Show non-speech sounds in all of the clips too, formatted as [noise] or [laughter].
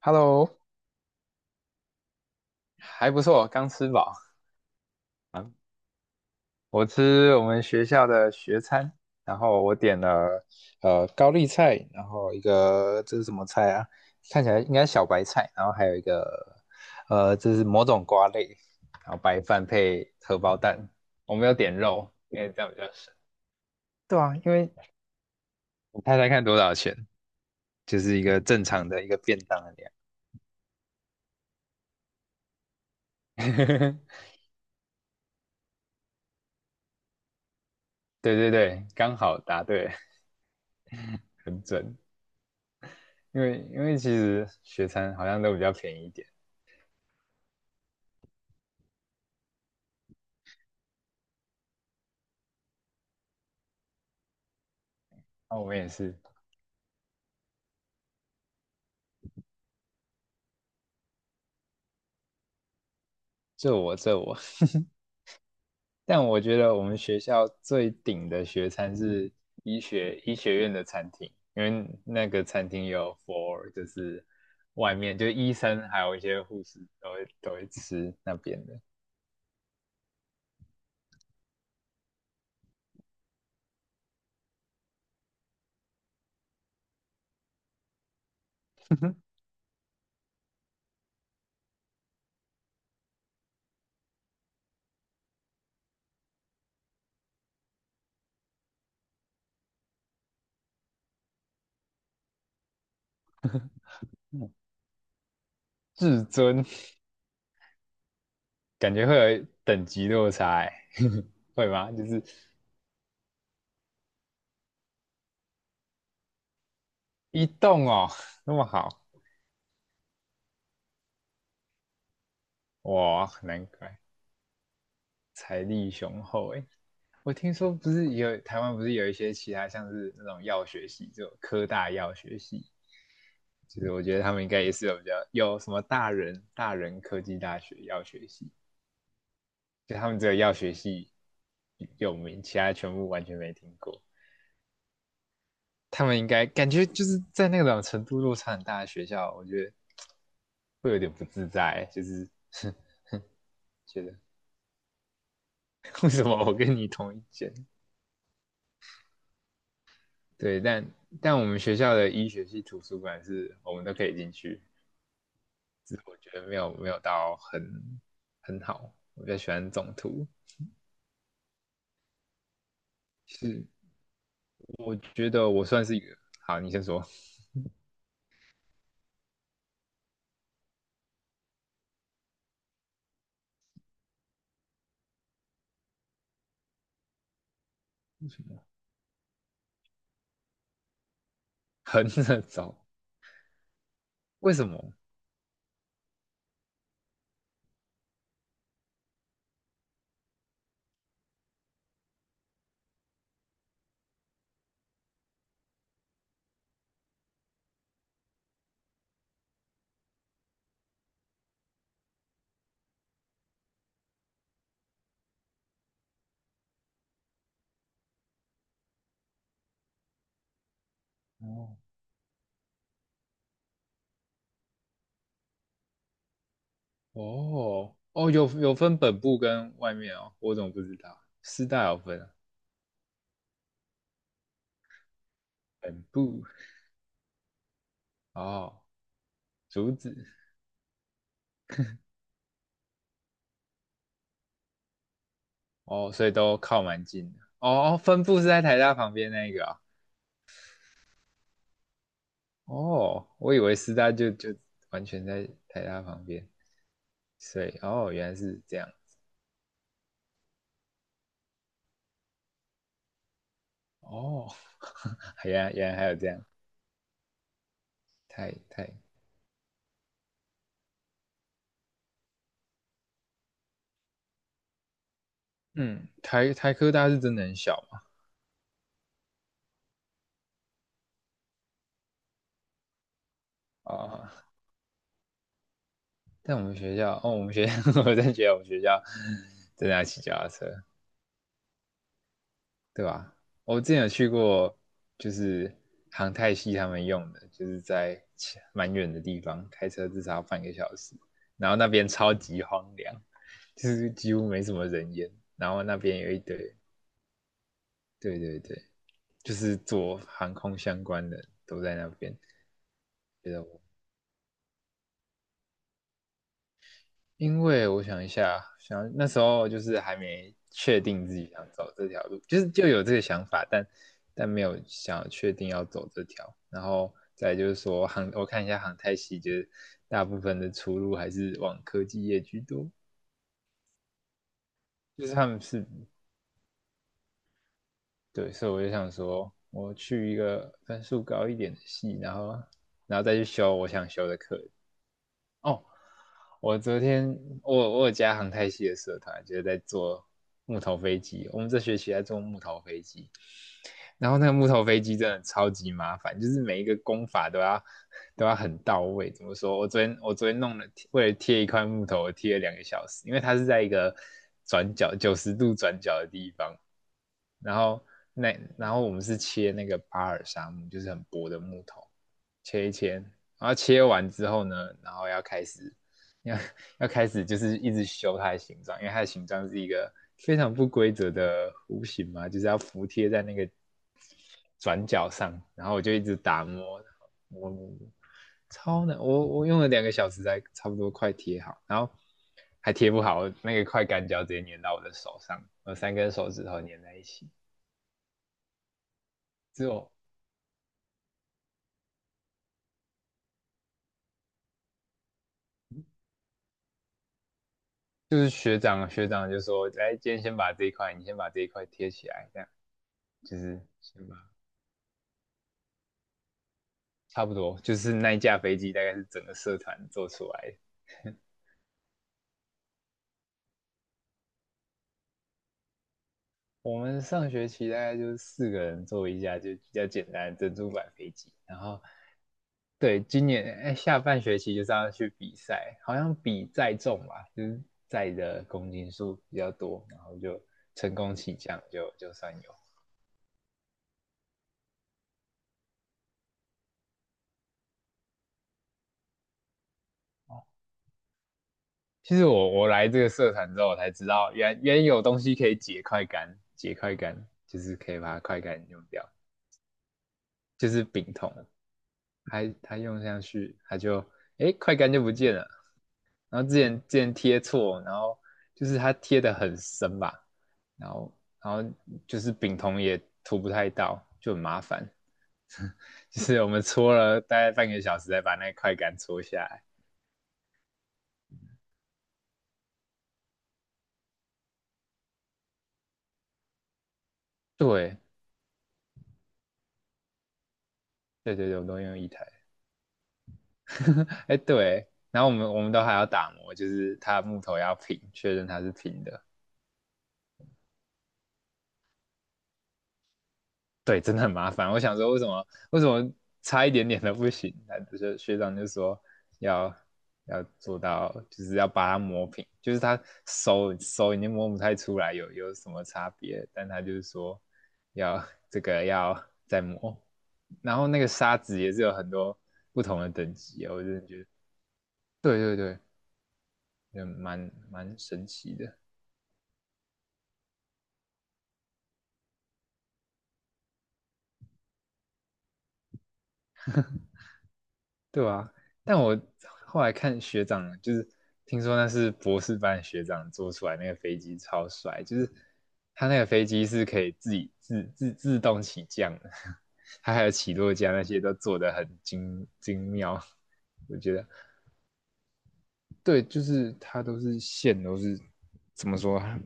Hello，还不错，刚吃饱啊。我吃我们学校的学餐，然后我点了高丽菜，然后一个这是什么菜啊？看起来应该小白菜，然后还有一个这是某种瓜类，然后白饭配荷包蛋。我没有点肉，因为这样比较省。对啊，因为你猜猜看多少钱？就是一个正常的一个便当的量。[laughs] 对对对，刚好答对，很准。因为其实学餐好像都比较便宜一点，那我们也是这我这我，[laughs] 但我觉得我们学校最顶的学餐是医学院的餐厅，因为那个餐厅有 for 就是外面就是医生还有一些护士都会吃那边的，[laughs] 至尊感觉会有等级落差欸，[laughs] 会吗？就是一栋哦那么好，哇，难怪财力雄厚哎。欸我听说不是有台湾不是有一些其他像是那种药学系，就科大药学系，就是我觉得他们应该也是有比较有什么大人科技大学药学系，就他们只有药学系有名，其他全部完全没听过。他们应该感觉就是在那种程度落差很大的学校，我觉得会有点不自在，就是 [laughs] 觉得为什么我跟你同一间？对，但我们学校的医学系图书馆是我们都可以进去，只是我觉得没有到很好，我比较喜欢总图。是我觉得我算是一个，好，你先说，什么？[laughs] 横着走，为什么？哦哦哦，有分本部跟外面哦，我怎么不知道？师大有分啊本部哦，竹子哦，所以都靠蛮近的。哦哦分部是在台大旁边那一个啊哦，我以为师大就完全在台大旁边，所以哦，原来是这样。哦，[laughs] 原来还有这样，太太，嗯，台科大是真的很小嘛，啊、在我们学校，哦，我们学校，[laughs] 我真觉得我们学校真的要骑脚踏车，对吧？我之前有去过，就是航太系他们用的，就是在蛮远的地方，开车至少要半个小时，然后那边超级荒凉，就是几乎没什么人烟，然后那边有一堆，对对对，就是做航空相关的都在那边，觉得我，因为我想一下，想那时候就是还没确定自己想走这条路，就是就有这个想法，但没有想要确定要走这条。然后再就是说航，我看一下航太系，就是大部分的出路还是往科技业居多，就是他们是对，所以我就想说，我去一个分数高一点的系，然后再去修我想修的课。哦，我昨天我有加航太系的社团，就是在做木头飞机。我们这学期在做木头飞机，然后那个木头飞机真的超级麻烦，就是每一个工法都要很到位。怎么说？我昨天弄了，为了贴一块木头，我贴了两个小时，因为它是在一个转角90度转角的地方，然后我们是切那个巴尔沙木，就是很薄的木头，切一切，然后切完之后呢，然后要开始。要要开始就是一直修它的形状，因为它的形状是一个非常不规则的弧形嘛，就是要服贴在那个转角上，然后我就一直打磨，磨磨磨，超难，我用了两个小时才差不多快贴好，然后还贴不好，那个快干胶直接粘到我的手上，我3根手指头粘在一起，之后就是学长就说，来今天先把这一块，你先把这一块贴起来，这样就是先把差不多，就是那一架飞机大概是整个社团做出来的。我们上学期大概就是4个人坐一架，就比较简单的珍珠板飞机。然后，对，今年哎、下半学期就是要去比赛，好像比载重吧，就是载的公斤数比较多，然后就成功起降，就算有。哦，其实我来这个社团之后，我才知道原有东西可以解快杆，解快杆就是可以把它快杆用掉。就是丙酮，他用上去，他就哎快干就不见了。然后之前贴错，然后就是他贴的很深吧，然后然后就是丙酮也涂不太到，就很麻烦。就是我们搓了大概半个小时，才把那块干搓下来。对对对对，我都用一台。[laughs] 哎对，然后我们都还要打磨，就是它的木头要平，确认它是平的。对，真的很麻烦。我想说，为什么差一点点都不行？他就是学长就说要要做到，就是要把它磨平，就是他手已经摸不太出来有什么差别，但他就是说要这个要再磨。然后那个沙子也是有很多不同的等级哦，我真的觉得，对对对，就蛮神奇的。对啊，但我后来看学长，就是听说那是博士班学长做出来那个飞机超帅，就是他那个飞机是可以自己自动起降的，[laughs] 他还有起落架那些都做得很精妙，我觉得对，就是它都是线都是怎么说啊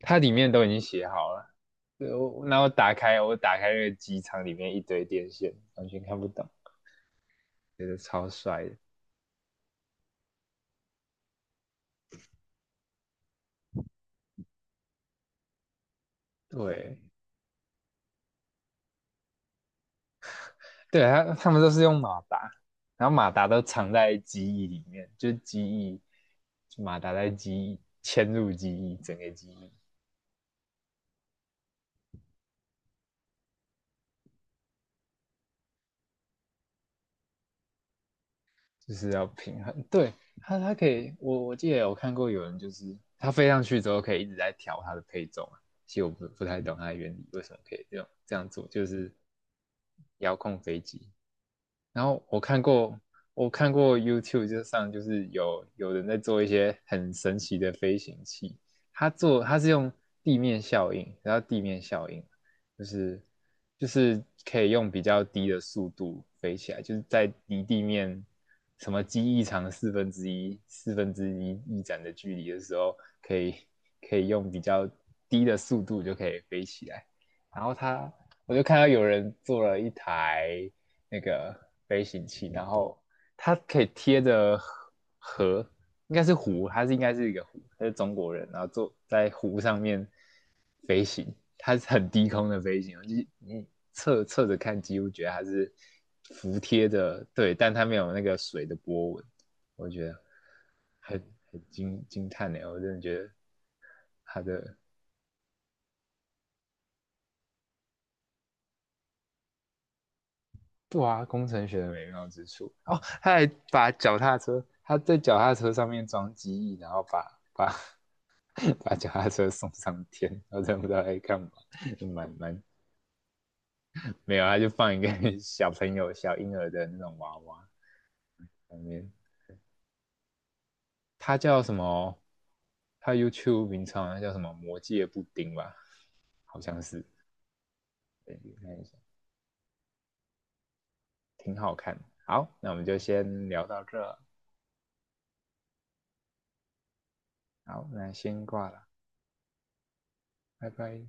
它里面都已经写好了，对，我打开那个机舱里面一堆电线，完全看不懂，觉得超帅的，对。对，他们都是用马达，然后马达都藏在机翼里面，就机翼，就马达在机翼嵌入机翼，整个机翼就是要平衡。对，他可以，我记得有看过有人就是他飞上去之后可以一直在调它的配重啊，其实我不太懂它的原理为什么可以这样做，就是遥控飞机。然后我看过，我看过 YouTube 就是有人在做一些很神奇的飞行器，他是用地面效应，然后地面效应就是就是可以用比较低的速度飞起来，就是在离地面什么机翼长四分之一翼展的距离的时候，可以可以用比较低的速度就可以飞起来。然后我就看到有人做了一台那个飞行器，然后它可以贴着河，应该是湖，应该是一个湖，它是中国人，然后坐在湖上面飞行，它是很低空的飞行，就是你侧着看，几乎觉得它是服贴的，对，但它没有那个水的波纹，我觉得很很惊叹呢，我真的觉得它的对啊，工程学的美妙之处哦，他还把脚踏车，他在脚踏车上面装机翼，然后把 [laughs] 把脚踏车送上天，然后真不知道在干嘛，就蛮，没有，他就放一个小朋友小婴儿的那种娃娃上面，他叫什么？他 YouTube 名称好叫什么魔界布丁吧，好像是，对，你看一下，挺好看的好，那我们就先聊到这，好，那先挂了，拜拜。